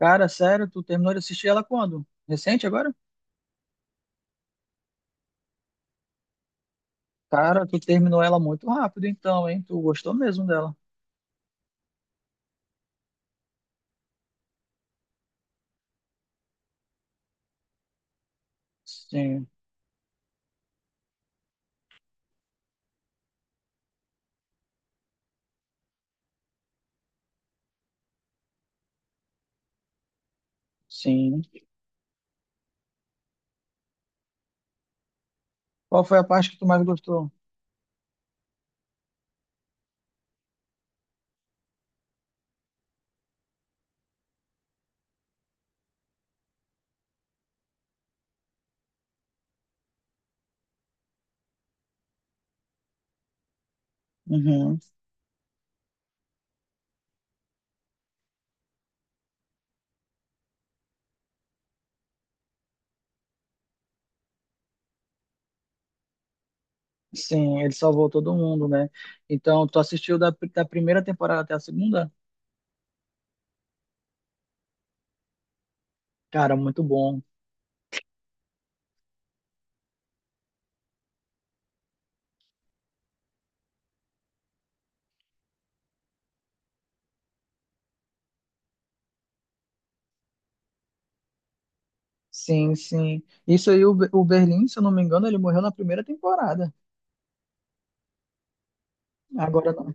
Cara, sério, tu terminou de assistir ela quando? Recente agora? Cara, tu terminou ela muito rápido, então, hein? Tu gostou mesmo dela? Sim, sim. Qual foi a parte que tu mais gostou? Uhum. Sim, ele salvou todo mundo, né? Então, tu assistiu da primeira temporada até a segunda? Cara, muito bom. Sim, sim. Isso aí, o Berlim, se eu não me engano, ele morreu na primeira temporada. Agora não.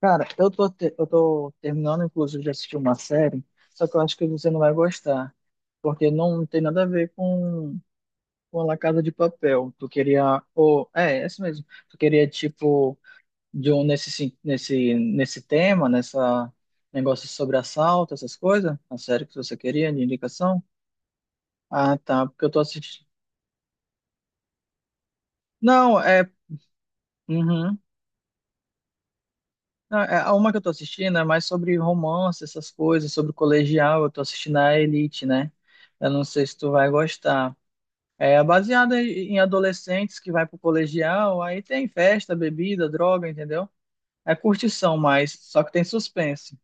Cara, eu tô terminando, inclusive, de assistir uma série, só que eu acho que você não vai gostar. Porque não tem nada a ver com a La Casa de Papel. Tu queria. Ou, é isso mesmo. Tu queria, tipo, de um, nesse tema, nessa negócio sobre assalto, essas coisas? A série que você queria, de indicação? Ah, tá. Porque eu tô assistindo. Não, é. Uhum. Não, é, a uma que eu tô assistindo é mais sobre romance, essas coisas, sobre colegial. Eu tô assistindo a Elite, né? Eu não sei se tu vai gostar. É baseada em adolescentes que vai pro colegial, aí tem festa, bebida, droga, entendeu? É curtição, mas só que tem suspense.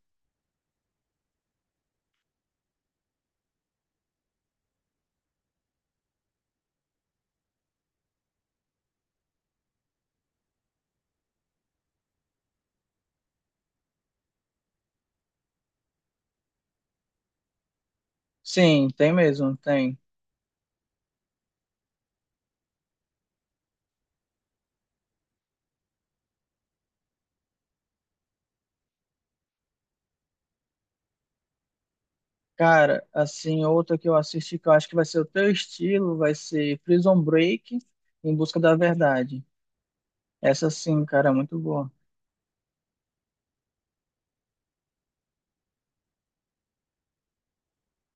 Sim, tem mesmo, tem. Cara, assim, outra que eu assisti que eu acho que vai ser o teu estilo, vai ser Prison Break, Em Busca da Verdade. Essa sim, cara, é muito boa.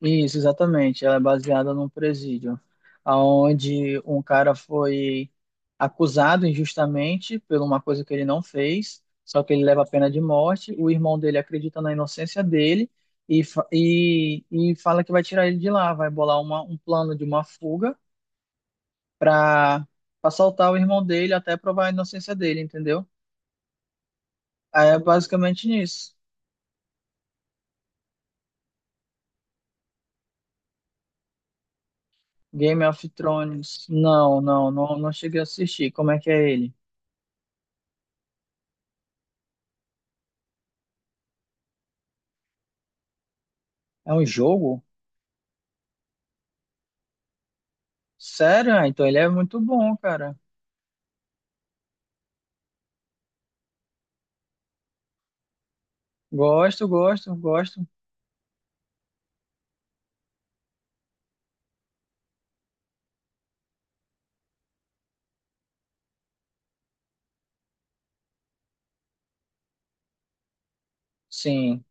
Isso, exatamente. Ela é baseada num presídio, onde um cara foi acusado injustamente por uma coisa que ele não fez, só que ele leva a pena de morte. O irmão dele acredita na inocência dele e fala que vai tirar ele de lá, vai bolar um plano de uma fuga para assaltar o irmão dele até provar a inocência dele, entendeu? Aí é basicamente nisso. Game of Thrones. Não, não, não, não cheguei a assistir. Como é que é ele? É um jogo? Sério? Ah, então ele é muito bom, cara. Gosto, gosto, gosto. Sim.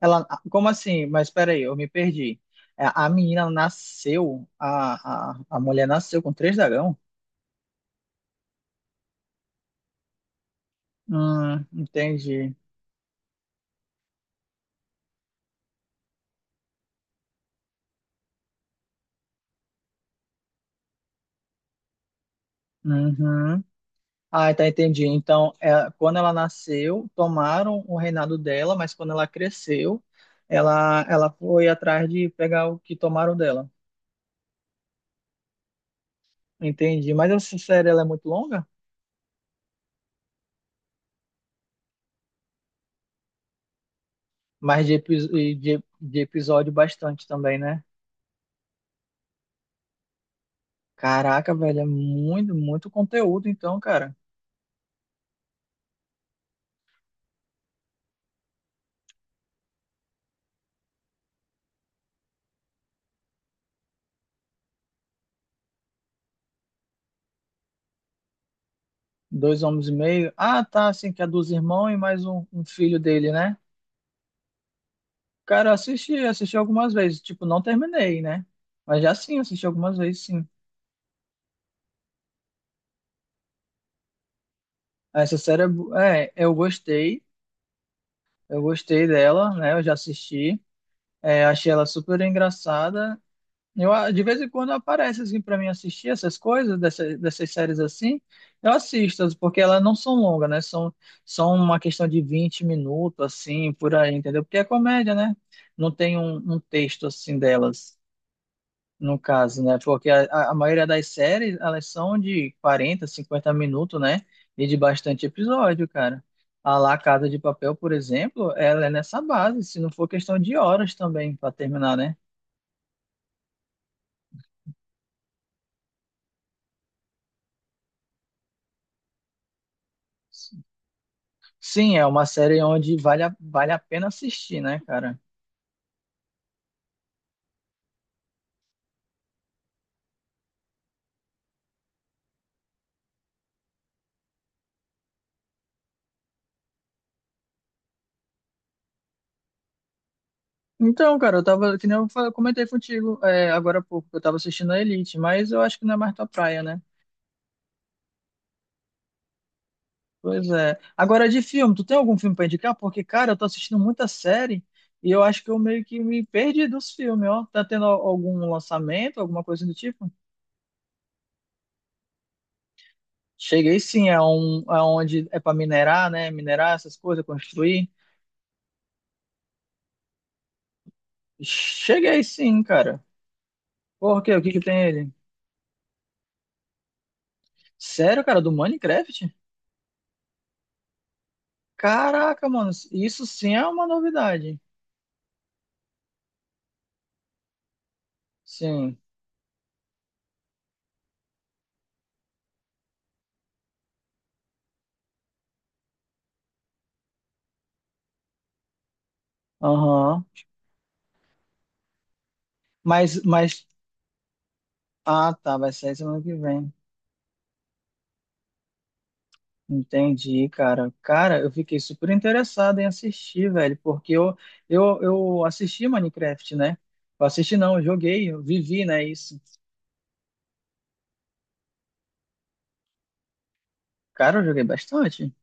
Ela, ah, como assim? Mas peraí, eu me perdi. A menina nasceu, a mulher nasceu com três dragão? Entendi. Uhum. Ah, tá, entendi. Então, é, quando ela nasceu, tomaram o reinado dela, mas quando ela cresceu, ela foi atrás de pegar o que tomaram dela. Entendi. Mas essa série, ela é muito longa? Mas de episódio bastante também, né? Caraca, velho, é muito, muito conteúdo, então, cara. Dois homens e meio. Ah, tá, assim, que é dos irmãos e mais um filho dele, né? Cara, eu assisti algumas vezes. Tipo, não terminei, né? Mas já sim, assisti algumas vezes, sim. Essa série, eu gostei. Eu gostei dela, né? Eu já assisti. É, achei ela super engraçada. Eu, ah, de vez em quando aparece assim para mim assistir essas coisas, dessas séries assim. Eu assisto, porque elas não são longas, né? São uma questão de 20 minutos, assim, por aí, entendeu? Porque é comédia, né? Não tem um texto assim delas, no caso, né? Porque a maioria das séries, elas são de 40 50 minutos, né? E de bastante episódio, cara. A lá Casa de Papel, por exemplo, ela é nessa base, se não for questão de horas também para terminar, né? Sim, é uma série onde vale a pena assistir, né, cara? Então, cara, eu tava, que nem eu comentei contigo é, agora há pouco, que eu tava assistindo a Elite, mas eu acho que não é mais tua praia, né? Pois é. Agora, de filme, tu tem algum filme pra indicar? Porque, cara, eu tô assistindo muita série e eu acho que eu meio que me perdi dos filmes, ó. Tá tendo algum lançamento, alguma coisa do tipo? Cheguei sim, é um, é onde é pra minerar, né? Minerar essas coisas, construir. Cheguei sim, cara. Por quê? O que que tem ele? Sério, cara, do Minecraft? Caraca, mano, isso sim é uma novidade. Sim. Aham. Mas. Ah, tá, vai sair semana que vem. Entendi, cara. Cara, eu fiquei super interessado em assistir, velho, porque eu assisti Minecraft, né? Eu assisti, não, eu joguei, eu vivi, né? Isso. Cara, eu joguei bastante.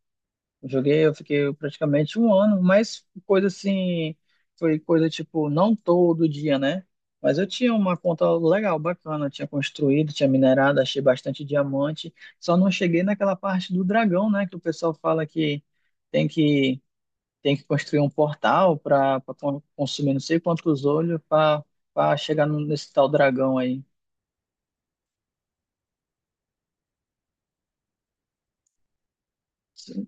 Joguei, eu fiquei praticamente um ano, mas coisa assim, foi coisa tipo, não todo dia, né? Mas eu tinha uma conta legal, bacana, eu tinha construído, tinha minerado, achei bastante diamante, só não cheguei naquela parte do dragão, né? Que o pessoal fala que tem que, tem que construir um portal para consumir não sei quantos olhos para chegar nesse tal dragão aí. Sim,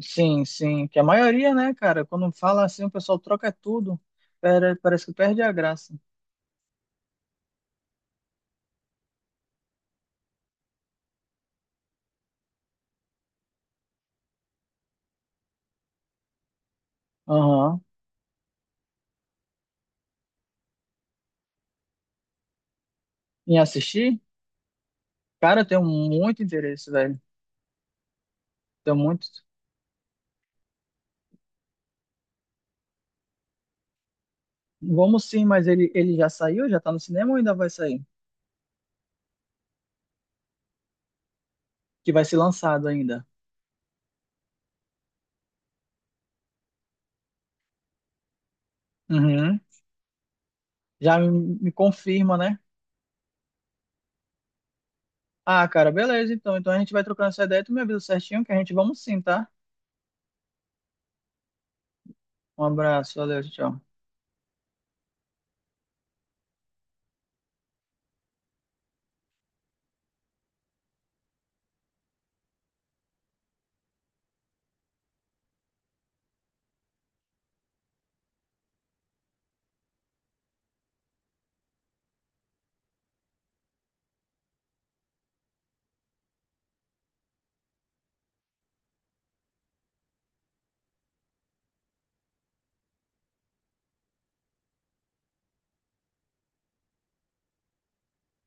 sim, sim, que a maioria, né, cara, quando fala assim, o pessoal troca tudo, parece que perde a graça. Aham. Em assistir? Cara, eu tenho muito interesse, velho. Tenho muito. Vamos sim, mas ele já saiu? Já tá no cinema ou ainda vai sair? Que vai ser lançado ainda. Uhum. Já me confirma, né? Ah, cara, beleza, então. Então a gente vai trocando essa ideia. Tu me avisa certinho que a gente vamos sim, tá? Um abraço, valeu, tchau.